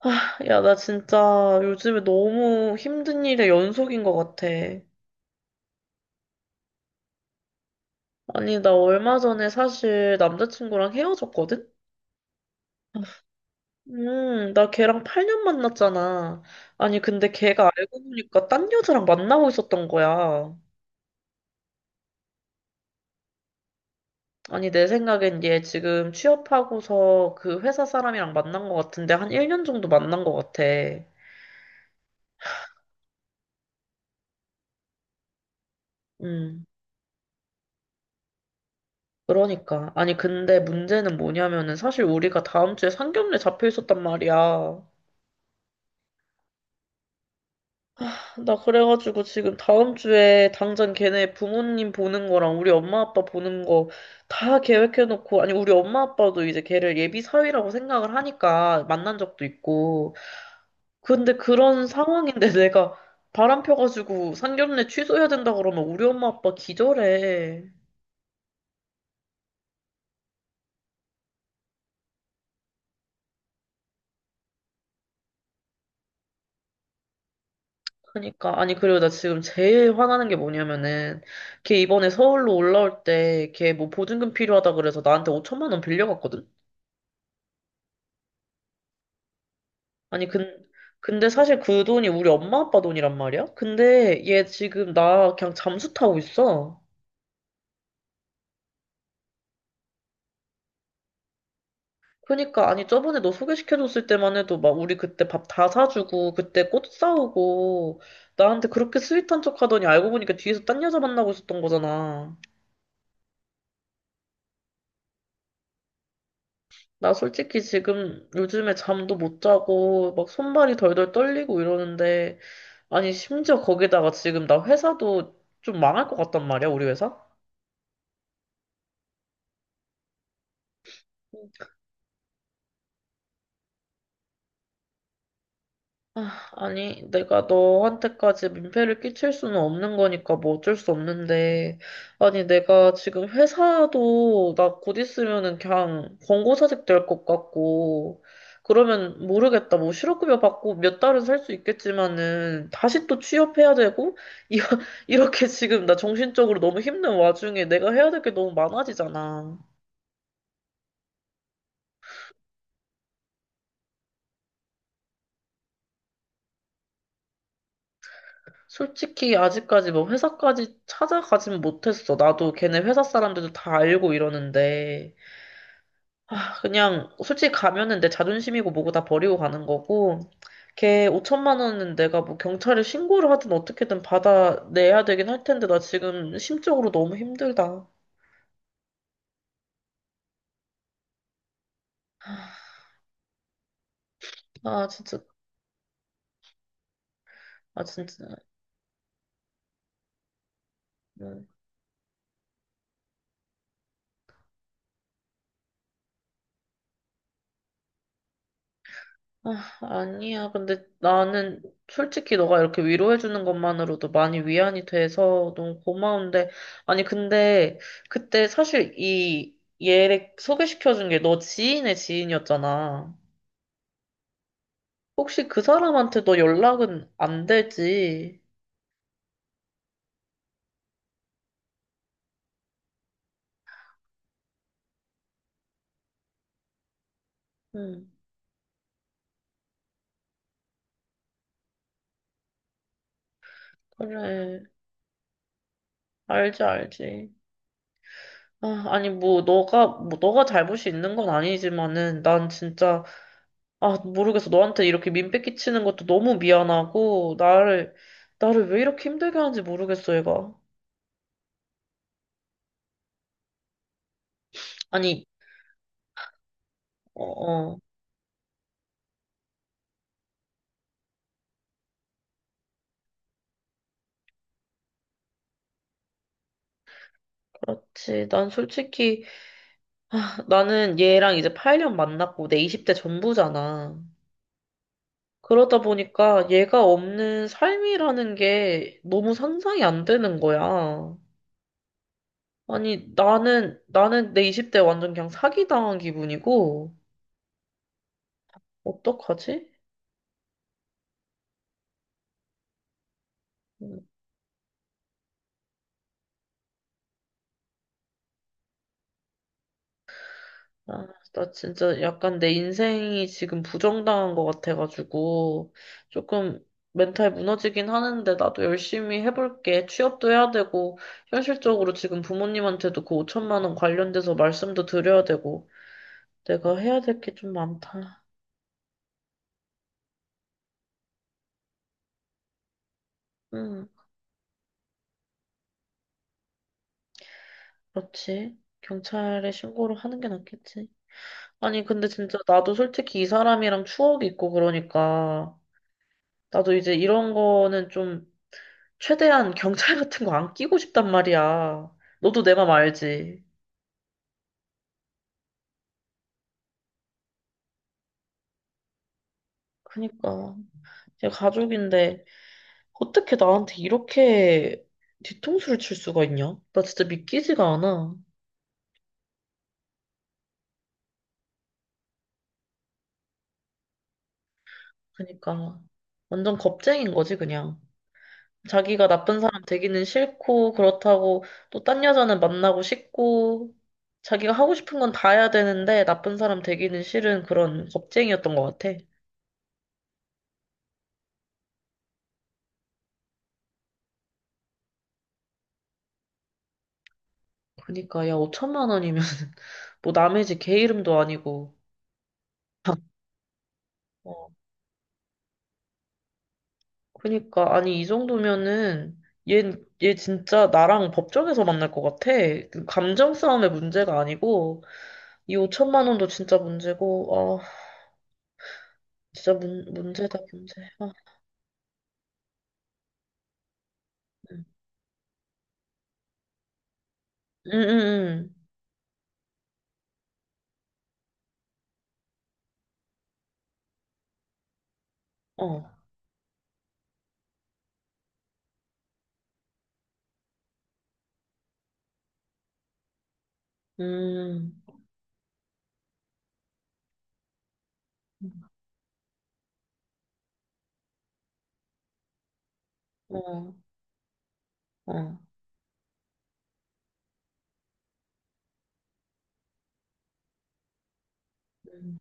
아, 야, 나 진짜 요즘에 너무 힘든 일의 연속인 것 같아. 아니, 나 얼마 전에 사실 남자친구랑 헤어졌거든? 나 걔랑 8년 만났잖아. 아니, 근데 걔가 알고 보니까 딴 여자랑 만나고 있었던 거야. 아니, 내 생각엔 얘 지금 취업하고서 그 회사 사람이랑 만난 것 같은데 한 1년 정도 만난 것 같아. 음, 그러니까. 아니, 근데 문제는 뭐냐면은 사실 우리가 다음 주에 상견례 잡혀 있었단 말이야. 나 그래가지고 지금 다음 주에 당장 걔네 부모님 보는 거랑 우리 엄마 아빠 보는 거 다 계획해놓고, 아니, 우리 엄마 아빠도 이제 걔를 예비 사위라고 생각을 하니까 만난 적도 있고. 근데 그런 상황인데 내가 바람 펴가지고 상견례 취소해야 된다 그러면 우리 엄마 아빠 기절해. 그러니까, 아니, 그리고 나 지금 제일 화나는 게 뭐냐면은, 걔 이번에 서울로 올라올 때 걔 뭐 보증금 필요하다 그래서 나한테 5천만 원 빌려갔거든? 아니, 근데 사실 그 돈이 우리 엄마 아빠 돈이란 말이야? 근데 얘 지금 나 그냥 잠수 타고 있어. 그러니까, 아니, 저번에 너 소개시켜줬을 때만 해도 막 우리 그때 밥 다 사주고, 그때 꽃 사오고, 나한테 그렇게 스윗한 척 하더니 알고 보니까 뒤에서 딴 여자 만나고 있었던 거잖아. 나 솔직히 지금 요즘에 잠도 못 자고, 막 손발이 덜덜 떨리고 이러는데, 아니, 심지어 거기다가 지금 나 회사도 좀 망할 것 같단 말이야, 우리 회사? 아, 아니, 내가 너한테까지 민폐를 끼칠 수는 없는 거니까 뭐 어쩔 수 없는데. 아니, 내가 지금 회사도 나 곧 있으면은 그냥 권고사직 될 것 같고, 그러면 모르겠다. 뭐 실업급여 받고 몇 달은 살 수 있겠지만은 다시 또 취업해야 되고, 이- 이렇게 지금 나 정신적으로 너무 힘든 와중에 내가 해야 될 게 너무 많아지잖아. 솔직히 아직까지 뭐 회사까지 찾아가진 못했어. 나도 걔네 회사 사람들도 다 알고 이러는데. 아, 그냥 솔직히 가면은 내 자존심이고 뭐고 다 버리고 가는 거고. 걔 5천만 원은 내가 뭐 경찰에 신고를 하든 어떻게든 받아내야 되긴 할 텐데 나 지금 심적으로 너무 힘들다. 아, 진짜. 아, 진짜. 네. 아, 아니야. 근데 나는 솔직히 너가 이렇게 위로해주는 것만으로도 많이 위안이 돼서 너무 고마운데. 아니, 근데 그때 사실 이 얘를 소개시켜준 게 너 지인의 지인이었잖아. 혹시 그 사람한테 너 연락은 안 되지? 응, 그래. 알지, 알지. 아, 아니, 뭐, 너가 잘못이 있는 건 아니지만은, 난 진짜 아, 모르겠어. 너한테 이렇게 민폐 끼치는 것도 너무 미안하고, 나를 왜 이렇게 힘들게 하는지 모르겠어, 얘가. 아니, 어, 어, 그렇지. 난 솔직히, 나는 얘랑 이제 8년 만났고, 내 20대 전부잖아. 그러다 보니까 얘가 없는 삶이라는 게 너무 상상이 안 되는 거야. 아니, 나는 내 20대 완전 그냥 사기당한 기분이고, 어떡하지? 아, 나 진짜 약간 내 인생이 지금 부정당한 것 같아가지고, 조금 멘탈 무너지긴 하는데, 나도 열심히 해볼게. 취업도 해야 되고, 현실적으로 지금 부모님한테도 그 5천만 원 관련돼서 말씀도 드려야 되고, 내가 해야 될 게 좀 많다. 응, 그렇지. 경찰에 신고를 하는 게 낫겠지. 아니, 근데 진짜 나도 솔직히 이 사람이랑 추억이 있고 그러니까, 나도 이제 이런 거는 좀 최대한 경찰 같은 거 안 끼고 싶단 말이야. 너도 내 맘 알지. 그니까. 제 가족인데, 어떻게 나한테 이렇게 뒤통수를 칠 수가 있냐? 나 진짜 믿기지가 않아. 그니까. 완전 겁쟁인 거지, 그냥. 자기가 나쁜 사람 되기는 싫고, 그렇다고 또 딴 여자는 만나고 싶고, 자기가 하고 싶은 건 다 해야 되는데, 나쁜 사람 되기는 싫은 그런 겁쟁이였던 것 같아. 그니까, 야, 5천만 원이면, 뭐 남의 집 개 이름도 아니고, 어, 그니까 아니 이 정도면은 얘, 얘 진짜 나랑 법정에서 만날 것 같아. 그 감정 싸움의 문제가 아니고 이 5천만 원도 진짜 문제고 아 진짜 문제다 문제. 아, 음, 음, 음, 음. 어, 음, 음. 어, 어. 음.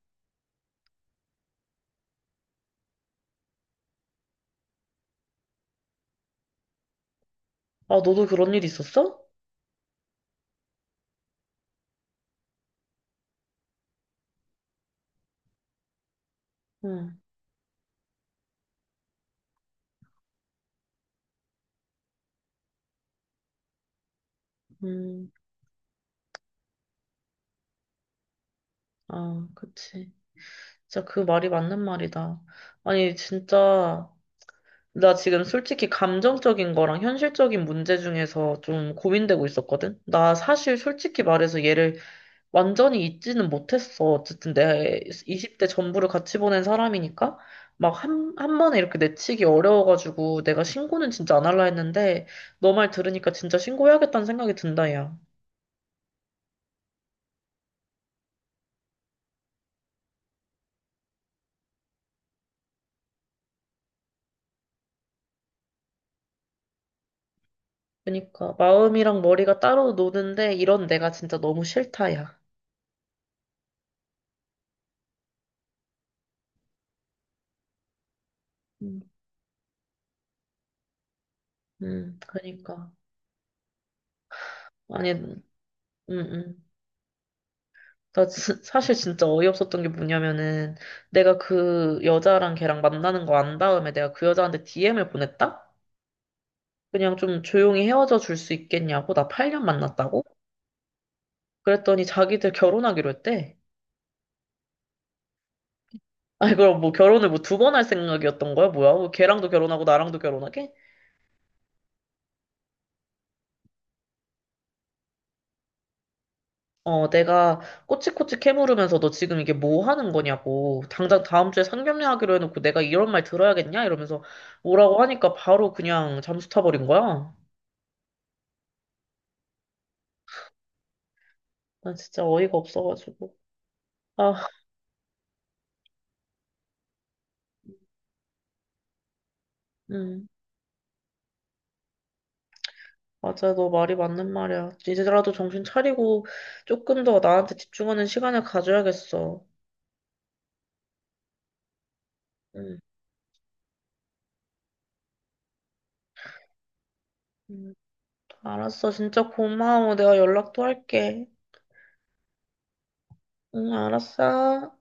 아 너도 그런 일 있었어? 응, 음, 아 그치. 진짜 그 말이 맞는 말이다. 아니 진짜. 나 지금 솔직히 감정적인 거랑 현실적인 문제 중에서 좀 고민되고 있었거든? 나 사실 솔직히 말해서 얘를 완전히 잊지는 못했어. 어쨌든 내 20대 전부를 같이 보낸 사람이니까 막 한 번에 이렇게 내치기 어려워가지고 내가 신고는 진짜 안 할라 했는데 너 말 들으니까 진짜 신고해야겠다는 생각이 든다, 야. 그러니까 마음이랑 머리가 따로 노는데 이런 내가 진짜 너무 싫다, 야. 음, 그러니까. 아니, 음. 사실 진짜 어이없었던 게 뭐냐면은 내가 그 여자랑 걔랑 만나는 거 안 다음에 내가 그 여자한테 DM을 보냈다? 그냥 좀 조용히 헤어져 줄 수 있겠냐고? 나 8년 만났다고? 그랬더니 자기들 결혼하기로 했대. 아니 그럼 뭐 결혼을 뭐 두 번 할 생각이었던 거야? 뭐야? 뭐 걔랑도 결혼하고 나랑도 결혼하게? 어 내가 꼬치꼬치 캐물으면서 너 지금 이게 뭐 하는 거냐고 당장 다음 주에 상견례 하기로 해놓고 내가 이런 말 들어야겠냐? 이러면서 뭐라고 하니까 바로 그냥 잠수 타버린 거야. 난 진짜 어이가 없어가지고. 아, 음, 맞아. 너 말이 맞는 말이야. 이제라도 정신 차리고 조금 더 나한테 집중하는 시간을 가져야겠어. 음, 음, 알았어. 진짜 고마워. 내가 연락 또 할게. 응, 알았어.